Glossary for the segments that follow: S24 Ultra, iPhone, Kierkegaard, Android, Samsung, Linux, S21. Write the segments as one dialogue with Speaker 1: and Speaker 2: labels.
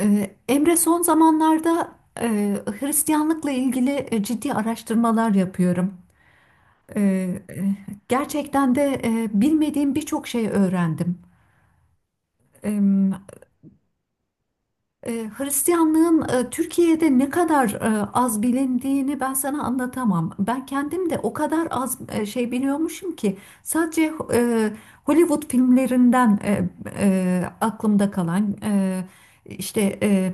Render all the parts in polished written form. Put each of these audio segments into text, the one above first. Speaker 1: Emre, son zamanlarda e, Hristiyanlıkla ilgili ciddi araştırmalar yapıyorum. Ee, e, gerçekten de bilmediğim birçok şey öğrendim. E, Hristiyanlığın Türkiye'de ne kadar az bilindiğini ben sana anlatamam. Ben kendim de o kadar az şey biliyormuşum ki sadece Hollywood filmlerinden aklımda kalan işte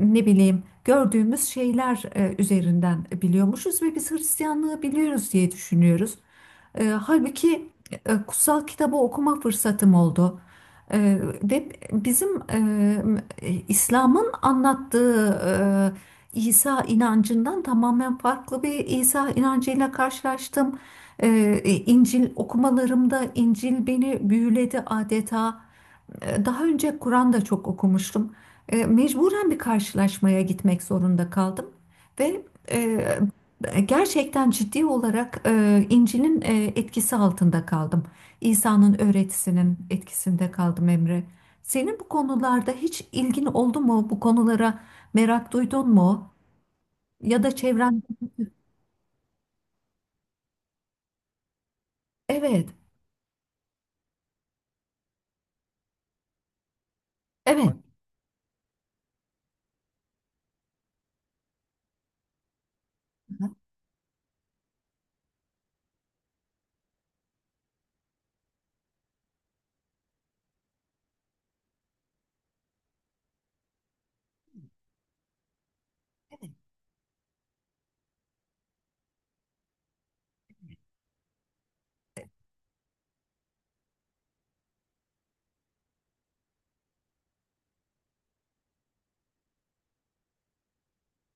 Speaker 1: ne bileyim gördüğümüz şeyler üzerinden biliyormuşuz ve biz Hristiyanlığı biliyoruz diye düşünüyoruz. Halbuki kutsal kitabı okuma fırsatım oldu. Ve bizim İslam'ın anlattığı İsa inancından tamamen farklı bir İsa inancıyla karşılaştım. Ee, İncil okumalarımda İncil beni büyüledi adeta. Daha önce Kur'an da çok okumuştum. Mecburen bir karşılaşmaya gitmek zorunda kaldım ve gerçekten ciddi olarak İncil'in etkisi altında kaldım. İsa'nın öğretisinin etkisinde kaldım, Emre. Senin bu konularda hiç ilgin oldu mu? Bu konulara merak duydun mu? Ya da çevren? Evet, evet. Bak.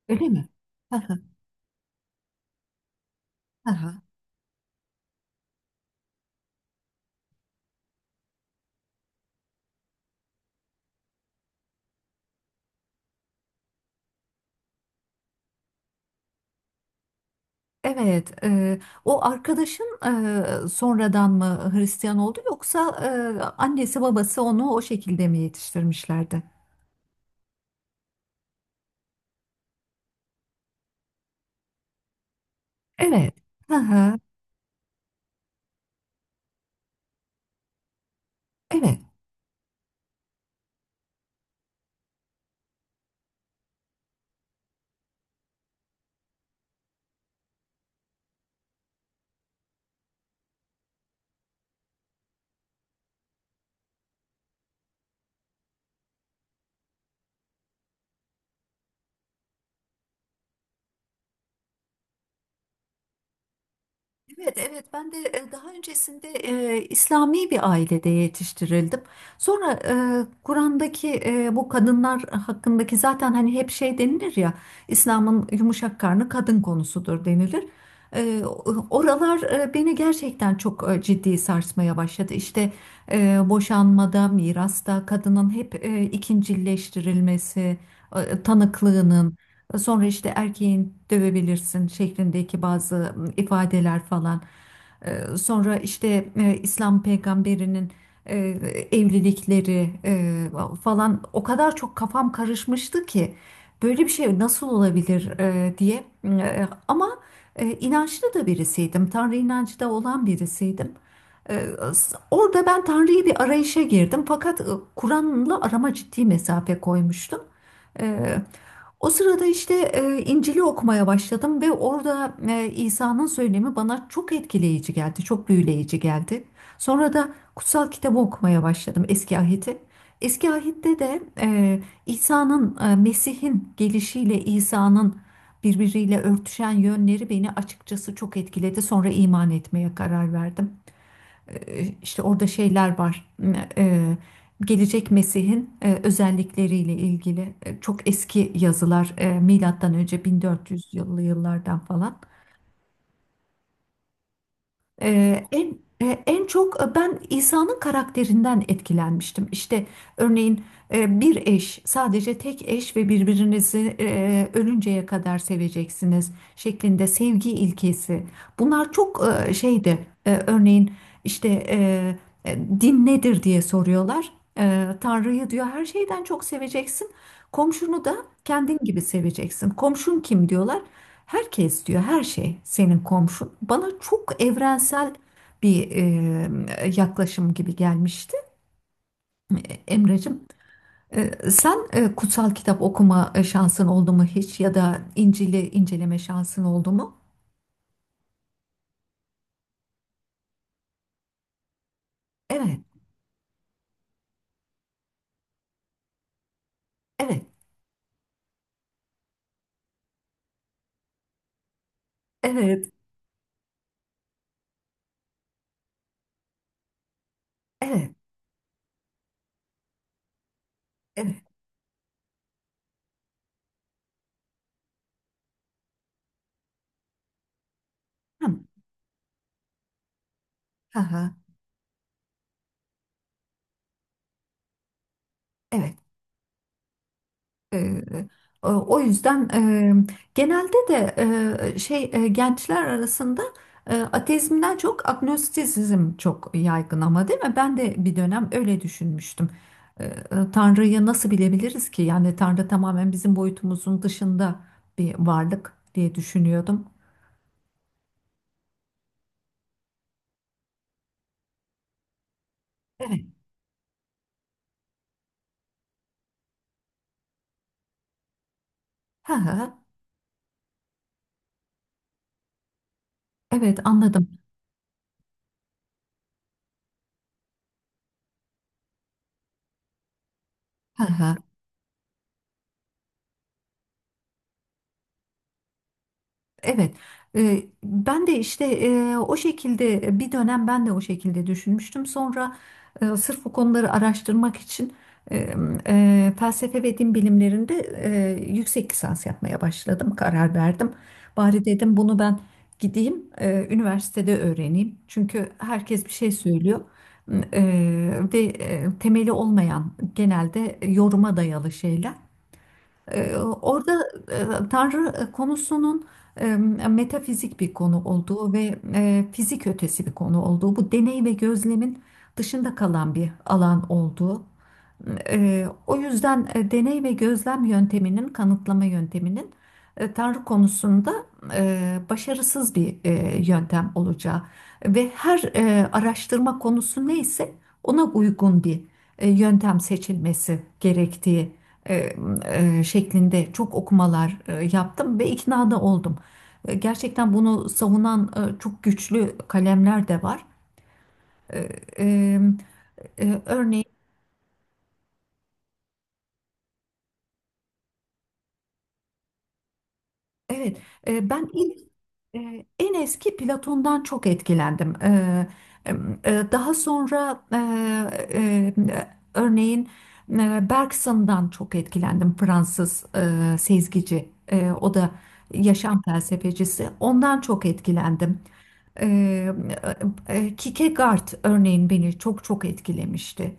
Speaker 1: Öyle mi? Hı hı. Evet, o arkadaşın sonradan mı Hristiyan oldu yoksa annesi babası onu o şekilde mi yetiştirmişlerdi? Evet. Hı hı, evet. Evet, evet. Ben de daha öncesinde İslami bir ailede yetiştirildim. Sonra Kur'an'daki bu kadınlar hakkındaki zaten hani hep şey denilir ya, İslam'ın yumuşak karnı kadın konusudur denilir. Oralar beni gerçekten çok ciddi sarsmaya başladı. İşte boşanmada, mirasta kadının hep ikincileştirilmesi, tanıklığının. Sonra işte erkeğin dövebilirsin şeklindeki bazı ifadeler falan. Sonra işte İslam peygamberinin e, evlilikleri falan o kadar çok kafam karışmıştı ki böyle bir şey nasıl olabilir diye. Ama inançlı da birisiydim. Tanrı inancı da olan birisiydim. E, Orada ben Tanrı'yı bir arayışa girdim, fakat Kur'an'la arama ciddi mesafe koymuştum. O sırada işte İncil'i okumaya başladım ve orada İsa'nın söylemi bana çok etkileyici geldi, çok büyüleyici geldi. Sonra da kutsal kitabı okumaya başladım, Eski Ahit'i. Eski Ahit'te de İsa'nın, Mesih'in gelişiyle İsa'nın birbiriyle örtüşen yönleri beni açıkçası çok etkiledi. Sonra iman etmeye karar verdim. İşte orada şeyler var. E, Gelecek Mesih'in özellikleriyle ilgili çok eski yazılar, milattan önce 1400 yıllı yıllardan falan. Ee, en En çok ben İsa'nın karakterinden etkilenmiştim. İşte örneğin bir eş, sadece tek eş ve birbirinizi ölünceye kadar seveceksiniz şeklinde sevgi ilkesi. Bunlar çok şeydi. Örneğin işte din nedir diye soruyorlar. Tanrı'yı diyor her şeyden çok seveceksin. Komşunu da kendin gibi seveceksin. Komşun kim diyorlar? Herkes diyor, her şey senin komşun. Bana çok evrensel bir yaklaşım gibi gelmişti, E, Emreciğim. Sen kutsal kitap okuma şansın oldu mu hiç ya da İncil'i inceleme şansın oldu mu? Evet, evet, evet, evet, evet. Hı, hı, hı, evet. Ee, o yüzden genelde de şey gençler arasında ateizmden çok agnostisizm çok yaygın, ama değil mi? Ben de bir dönem öyle düşünmüştüm. Tanrı'yı nasıl bilebiliriz ki? Yani Tanrı tamamen bizim boyutumuzun dışında bir varlık diye düşünüyordum. Evet. Ha ha. Evet, anladım. Ha ha. Evet, ben de işte o şekilde bir dönem ben de o şekilde düşünmüştüm. Sonra sırf bu konuları araştırmak için e, felsefe ve din bilimlerinde yüksek lisans yapmaya başladım, karar verdim. Bari dedim, bunu ben gideyim üniversitede öğreneyim. Çünkü herkes bir şey söylüyor, E, ve temeli olmayan, genelde yoruma dayalı şeyler. Ee, Orada Tanrı konusunun e, metafizik bir konu olduğu ve fizik ötesi bir konu olduğu, bu deney ve gözlemin dışında kalan bir alan olduğu. O yüzden deney ve gözlem yönteminin, kanıtlama yönteminin Tanrı konusunda başarısız bir yöntem olacağı ve her araştırma konusu neyse ona uygun bir yöntem seçilmesi gerektiği e, şeklinde çok okumalar yaptım ve ikna da oldum. Gerçekten bunu savunan çok güçlü kalemler de var. E, e, Örneğin evet, ben ilk en eski Platon'dan çok etkilendim. E, Daha sonra e, örneğin Bergson'dan çok etkilendim. Fransız sezgici, o da yaşam felsefecisi. Ondan çok etkilendim. Ee, Kierkegaard örneğin beni çok çok etkilemişti.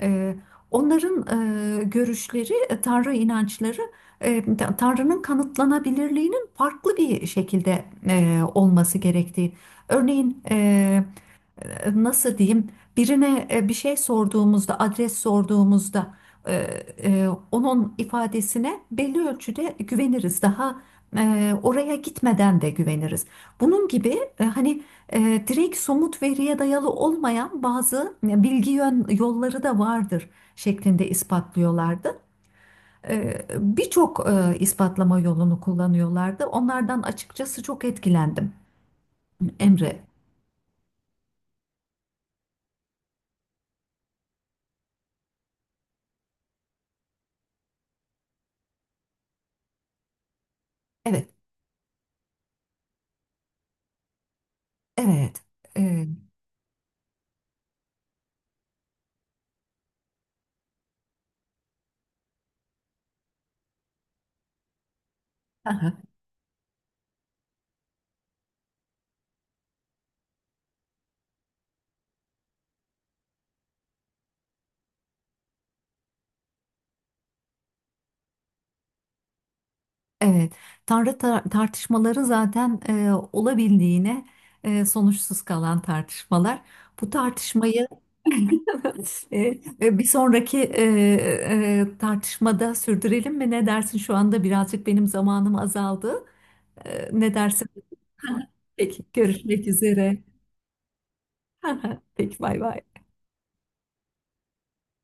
Speaker 1: Ee, Onların görüşleri, Tanrı inançları, e, Tanrı'nın kanıtlanabilirliğini farklı bir şekilde olması gerektiği. Örneğin nasıl diyeyim, birine bir şey sorduğumuzda, adres sorduğumuzda e, onun ifadesine belli ölçüde güveniriz. Daha oraya gitmeden de güveniriz. Bunun gibi hani e, direkt somut veriye dayalı olmayan bazı bilgi yolları da vardır şeklinde ispatlıyorlardı. Birçok ispatlama yolunu kullanıyorlardı. Onlardan açıkçası çok etkilendim. Emre, evet, evet, eee, aha, evet. Tartışmaları zaten olabildiğine sonuçsuz kalan tartışmalar. Bu tartışmayı eee, bir sonraki tartışmada sürdürelim mi? Ne dersin? Şu anda birazcık benim zamanım azaldı. Ne dersin? Peki, görüşmek üzere. Peki, bay bay.